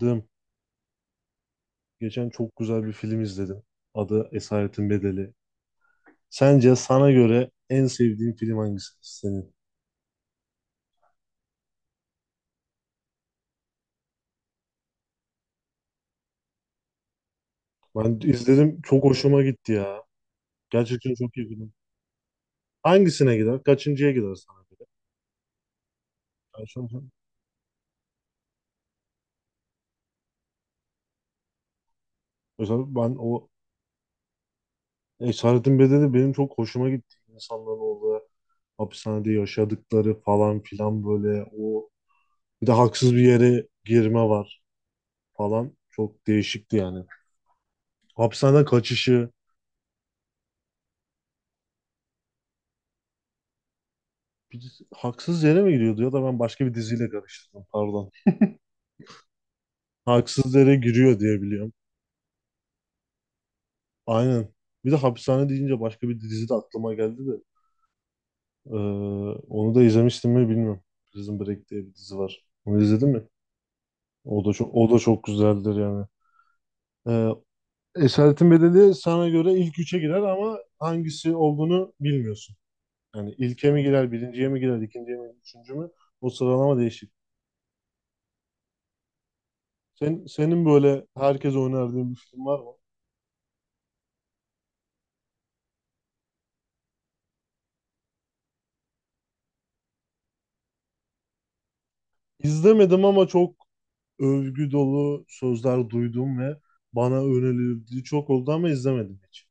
Dım. Geçen çok güzel bir film izledim. Adı Esaretin Bedeli. Sence sana göre en sevdiğin film hangisi senin? Ben izledim, çok hoşuma gitti ya. Gerçekten çok iyi film. Hangisine gider? Kaçıncıya gider sana göre? Ben şu an- mesela ben o Esaretin Bedeli benim çok hoşuma gitti. İnsanların orada hapishanede yaşadıkları falan filan, böyle o bir de haksız bir yere girme var falan. Çok değişikti yani. Hapishaneden kaçışı. Haksız yere mi giriyordu, ya da ben başka bir diziyle karıştırdım, pardon. Haksız yere giriyor diye biliyorum. Aynen. Bir de hapishane deyince başka bir dizi de aklıma geldi de. Ee, Onu da izlemiştim mi bilmiyorum. Prison Break diye bir dizi var. Onu izledin mi? O da çok güzeldir yani. Ee, Esaretin Bedeli sana göre ilk üçe girer, ama hangisi olduğunu bilmiyorsun. Yani ilke mi girer, birinciye mi girer, ikinciye mi, üçüncü mü? O sıralama değişik. Senin böyle herkese önerdiğin bir film var mı? İzlemedim, ama çok övgü dolu sözler duydum ve bana önerildiği çok oldu, ama izlemedim hiç.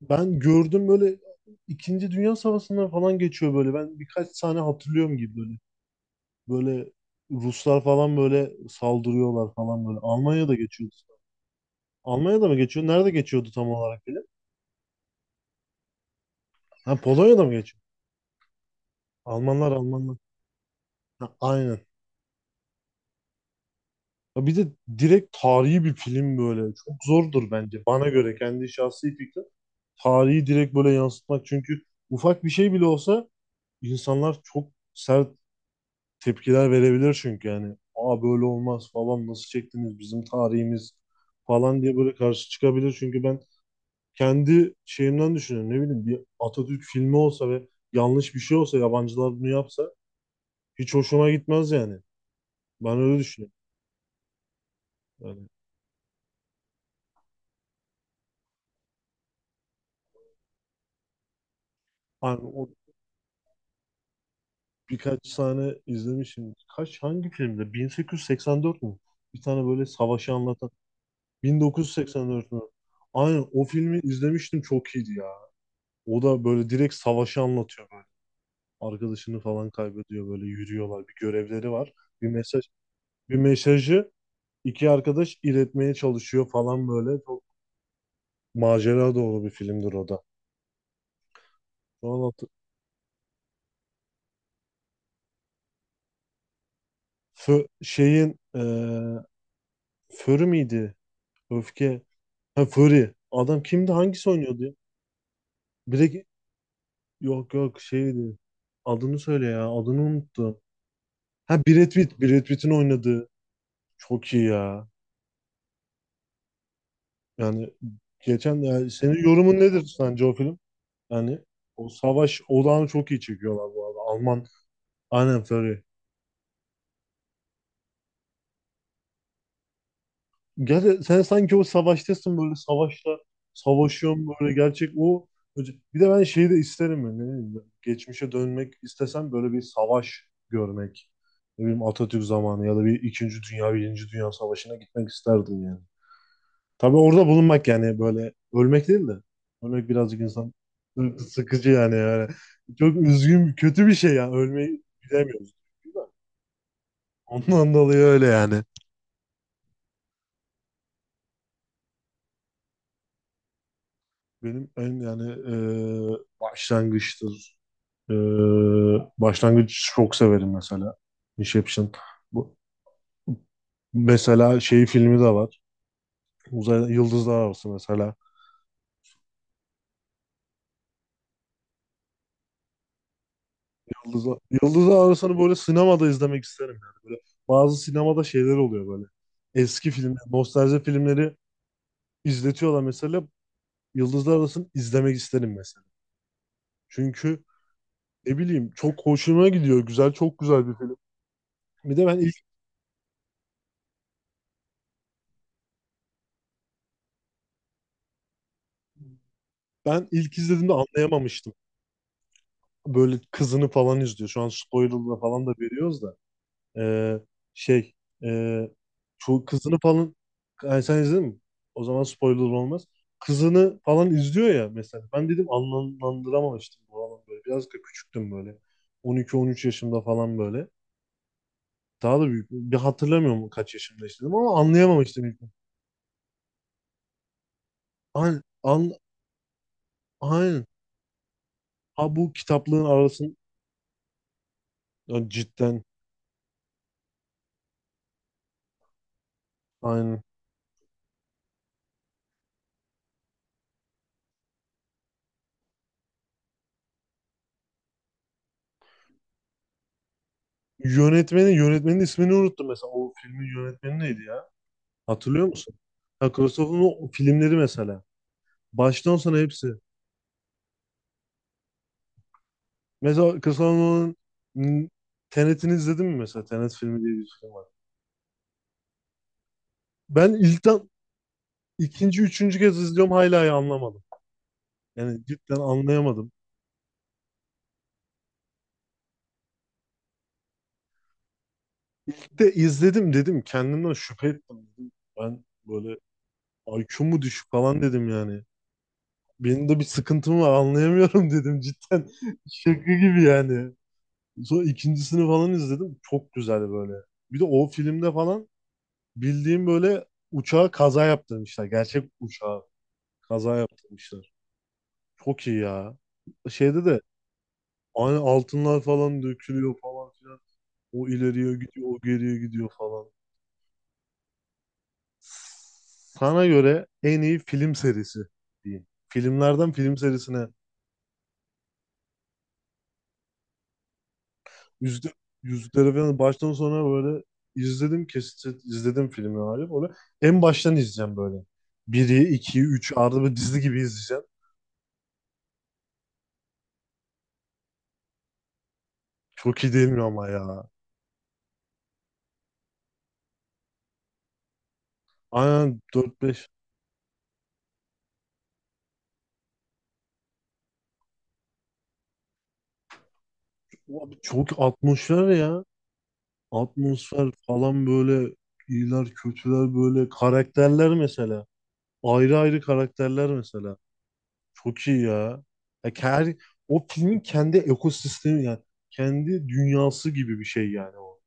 Ben gördüm, böyle İkinci Dünya Savaşı'ndan falan geçiyor böyle. Ben birkaç sahne hatırlıyorum gibi böyle. Böyle Ruslar falan böyle saldırıyorlar falan böyle. Almanya'da geçiyordu. Almanya'da mı geçiyor? Nerede geçiyordu tam olarak bile? Ha, Polonya'da mı geçiyor? Almanlar, Almanlar. Ha, aynen. Ya bir de direkt tarihi bir film böyle. Çok zordur bence. Bana göre kendi şahsi fikrim. Tarihi direkt böyle yansıtmak. Çünkü ufak bir şey bile olsa insanlar çok sert tepkiler verebilir çünkü yani. Aa, böyle olmaz falan, nasıl çektiniz bizim tarihimiz falan diye böyle karşı çıkabilir. Çünkü ben kendi şeyimden düşünüyorum. Ne bileyim, bir Atatürk filmi olsa ve yanlış bir şey olsa, yabancılar bunu yapsa hiç hoşuma gitmez yani. Ben öyle düşünüyorum. Yani, hani o birkaç sahne izlemişim. Kaç hangi filmde? 1884 mü? Bir tane böyle savaşı anlatan. 1984 mü? Aynen, o filmi izlemiştim, çok iyiydi ya. O da böyle direkt savaşı anlatıyor böyle. Arkadaşını falan kaybediyor, böyle yürüyorlar. Bir görevleri var. Bir mesaj Bir mesajı iki arkadaş iletmeye çalışıyor falan böyle. Çok macera dolu bir filmdir o da. Şu an hatır- şeyin Fury miydi? Öfke. Ha, Fury. Adam kimdi? Hangisi oynuyordu ya? Direkt, yok yok, şeydi. Adını söyle ya. Adını unuttum. Ha, Brad Pitt. Brad Pitt'in oynadığı. Çok iyi ya. Yani geçen, yani senin yorumun nedir sence o film? Yani o savaş odağını çok iyi çekiyorlar bu arada. Alman. Aynen, Fury. Gel, sen sanki o savaştasın, böyle savaşta savaşıyorum böyle, gerçek o bir de ben şeyi de isterim yani, ne bileyim ben, geçmişe dönmek istesem böyle bir savaş görmek, ne bileyim Atatürk zamanı ya da bir İkinci Dünya Birinci Dünya Savaşı'na gitmek isterdim yani. Tabii orada bulunmak yani böyle, ölmek değil de. Ölmek birazcık insan sıkıcı yani çok üzgün, kötü bir şey yani, ölmeyi bilemiyoruz. Ondan dolayı öyle yani. Benim en yani, başlangıçtır. Ee, Başlangıç çok severim mesela. Inception. Bu, mesela şey filmi de var. Uzay Yıldızlar Arası mesela. Yıldızlar Arası'nı böyle sinemada izlemek isterim yani. Böyle bazı sinemada şeyler oluyor böyle. Eski filmler, nostalji filmleri izletiyorlar mesela. Yıldızlar Arası'nı izlemek isterim mesela. Çünkü ne bileyim, çok hoşuma gidiyor. Güzel, çok güzel bir film. Bir de ben ilk izlediğimde anlayamamıştım. Böyle kızını falan izliyor. Şu an spoiler'la falan da veriyoruz da. Ee, şey e, Şu kızını falan, yani sen izledin mi? O zaman spoiler olmaz. Kızını falan izliyor ya mesela. Ben dedim, anlamlandıramamıştım bu adam böyle. Biraz da küçüktüm böyle. 12-13 yaşımda falan böyle. Daha da büyük. Bir hatırlamıyorum kaç yaşımda istedim, ama anlayamamıştım ilk. Aynen. An, aynen. Ha, bu kitaplığın arasın, ya cidden, aynen. Yönetmenin ismini unuttum mesela. O filmin yönetmeni neydi ya? Hatırlıyor musun? Ha, Christopher'ın o filmleri mesela. Baştan sona hepsi. Mesela Kısa Orman'ın, m, Tenet'ini izledin mi mesela? Tenet filmi diye bir film var. Ben ilkten ikinci, üçüncü kez izliyorum hala ya, anlamadım. Yani cidden anlayamadım. Bir de izledim dedim, kendimden şüphe ettim dedim. Ben böyle IQ mu düşük falan dedim yani. Benim de bir sıkıntım var, anlayamıyorum dedim cidden. Şaka gibi yani. Sonra ikincisini falan izledim. Çok güzel böyle. Bir de o filmde falan bildiğim böyle uçağa kaza yaptırmışlar. Gerçek uçağa. Kaza yaptırmışlar. Çok iyi ya. Şeyde de aynı, altınlar falan dökülüyor falan filan. O ileriye gidiyor, o geriye gidiyor falan. Sana göre en iyi film serisi diyeyim. Filmlerden film serisine, yüzde yüzleri falan baştan sona böyle izledim, kesit izledim filmi abi. Böyle en baştan izleyeceğim böyle. Biri, iki, üç, arada bir dizi gibi izleyeceğim. Çok iyi değil mi ama ya? Aynen, dört beş. Abi, çok 60'lar ya. Atmosfer falan böyle, iyiler kötüler böyle karakterler mesela. Ayrı ayrı karakterler mesela. Çok iyi ya. Ya her, o filmin kendi ekosistemi yani, kendi dünyası gibi bir şey yani o.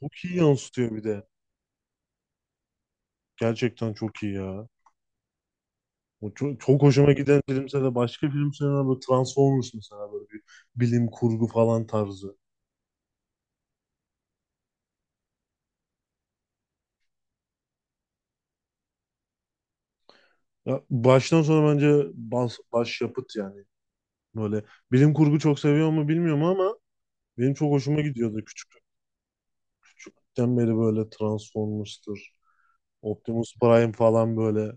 Çok iyi yansıtıyor bir de. Gerçekten çok iyi ya. O çok, çok hoşuma giden filmse de, başka filmse de böyle Transformers mesela, böyle bir bilim kurgu falan tarzı. Ya baştan sona bence başyapıt yani. Böyle bilim kurgu çok seviyor mu bilmiyorum, ama benim çok hoşuma gidiyordu küçükten beri böyle, Transformers'tır, Optimus Prime falan böyle.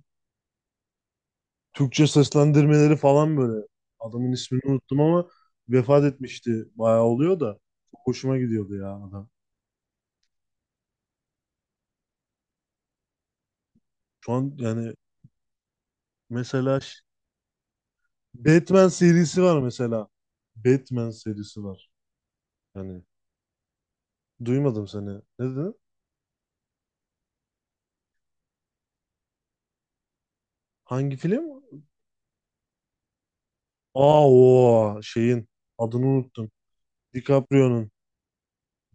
Türkçe seslendirmeleri falan böyle. Adamın ismini unuttum ama vefat etmişti. Bayağı oluyor da. Çok hoşuma gidiyordu ya adam. Şu an yani mesela Batman serisi var mesela. Batman serisi var. Yani duymadım seni. Ne dedin? Hangi film? Aa, o şeyin adını unuttum. DiCaprio'nun.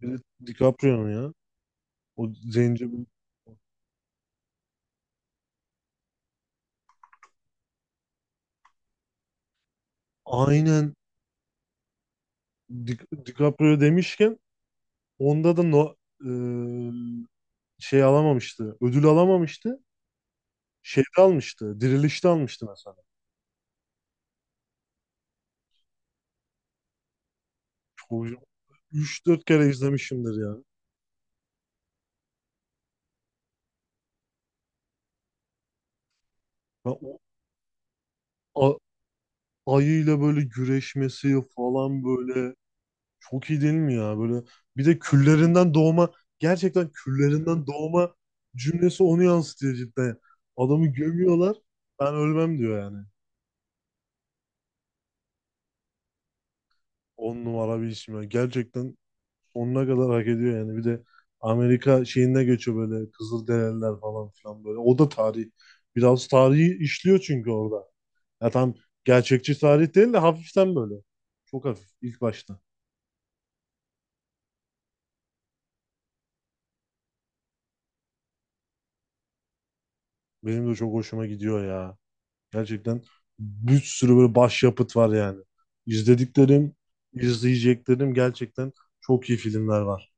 Biri- DiCaprio'nun ya. O zenci. Aynen, Di DiCaprio demişken onda da no, e, şey alamamıştı. Ödül alamamıştı. Şeyde almıştı. Dirilişte almıştı mesela. Çok, üç dört kere izlemişimdir ya. Ben o a- ayıyla böyle güreşmesi falan böyle, çok iyi değil mi ya? Böyle bir de küllerinden doğma, gerçekten küllerinden doğma cümlesi onu yansıtıyor cidden. Adamı gömüyorlar. Ben ölmem diyor yani. On numara bir isim ya. Gerçekten sonuna kadar hak ediyor yani. Bir de Amerika şeyine geçiyor böyle, Kızılderililer falan filan böyle. O da tarih. Biraz tarihi işliyor çünkü orada. Ya tam gerçekçi tarih değil de, hafiften böyle. Çok hafif ilk başta. Benim de çok hoşuma gidiyor ya. Gerçekten bir sürü böyle başyapıt var yani. İzlediklerim, izleyeceklerim, gerçekten çok iyi filmler var.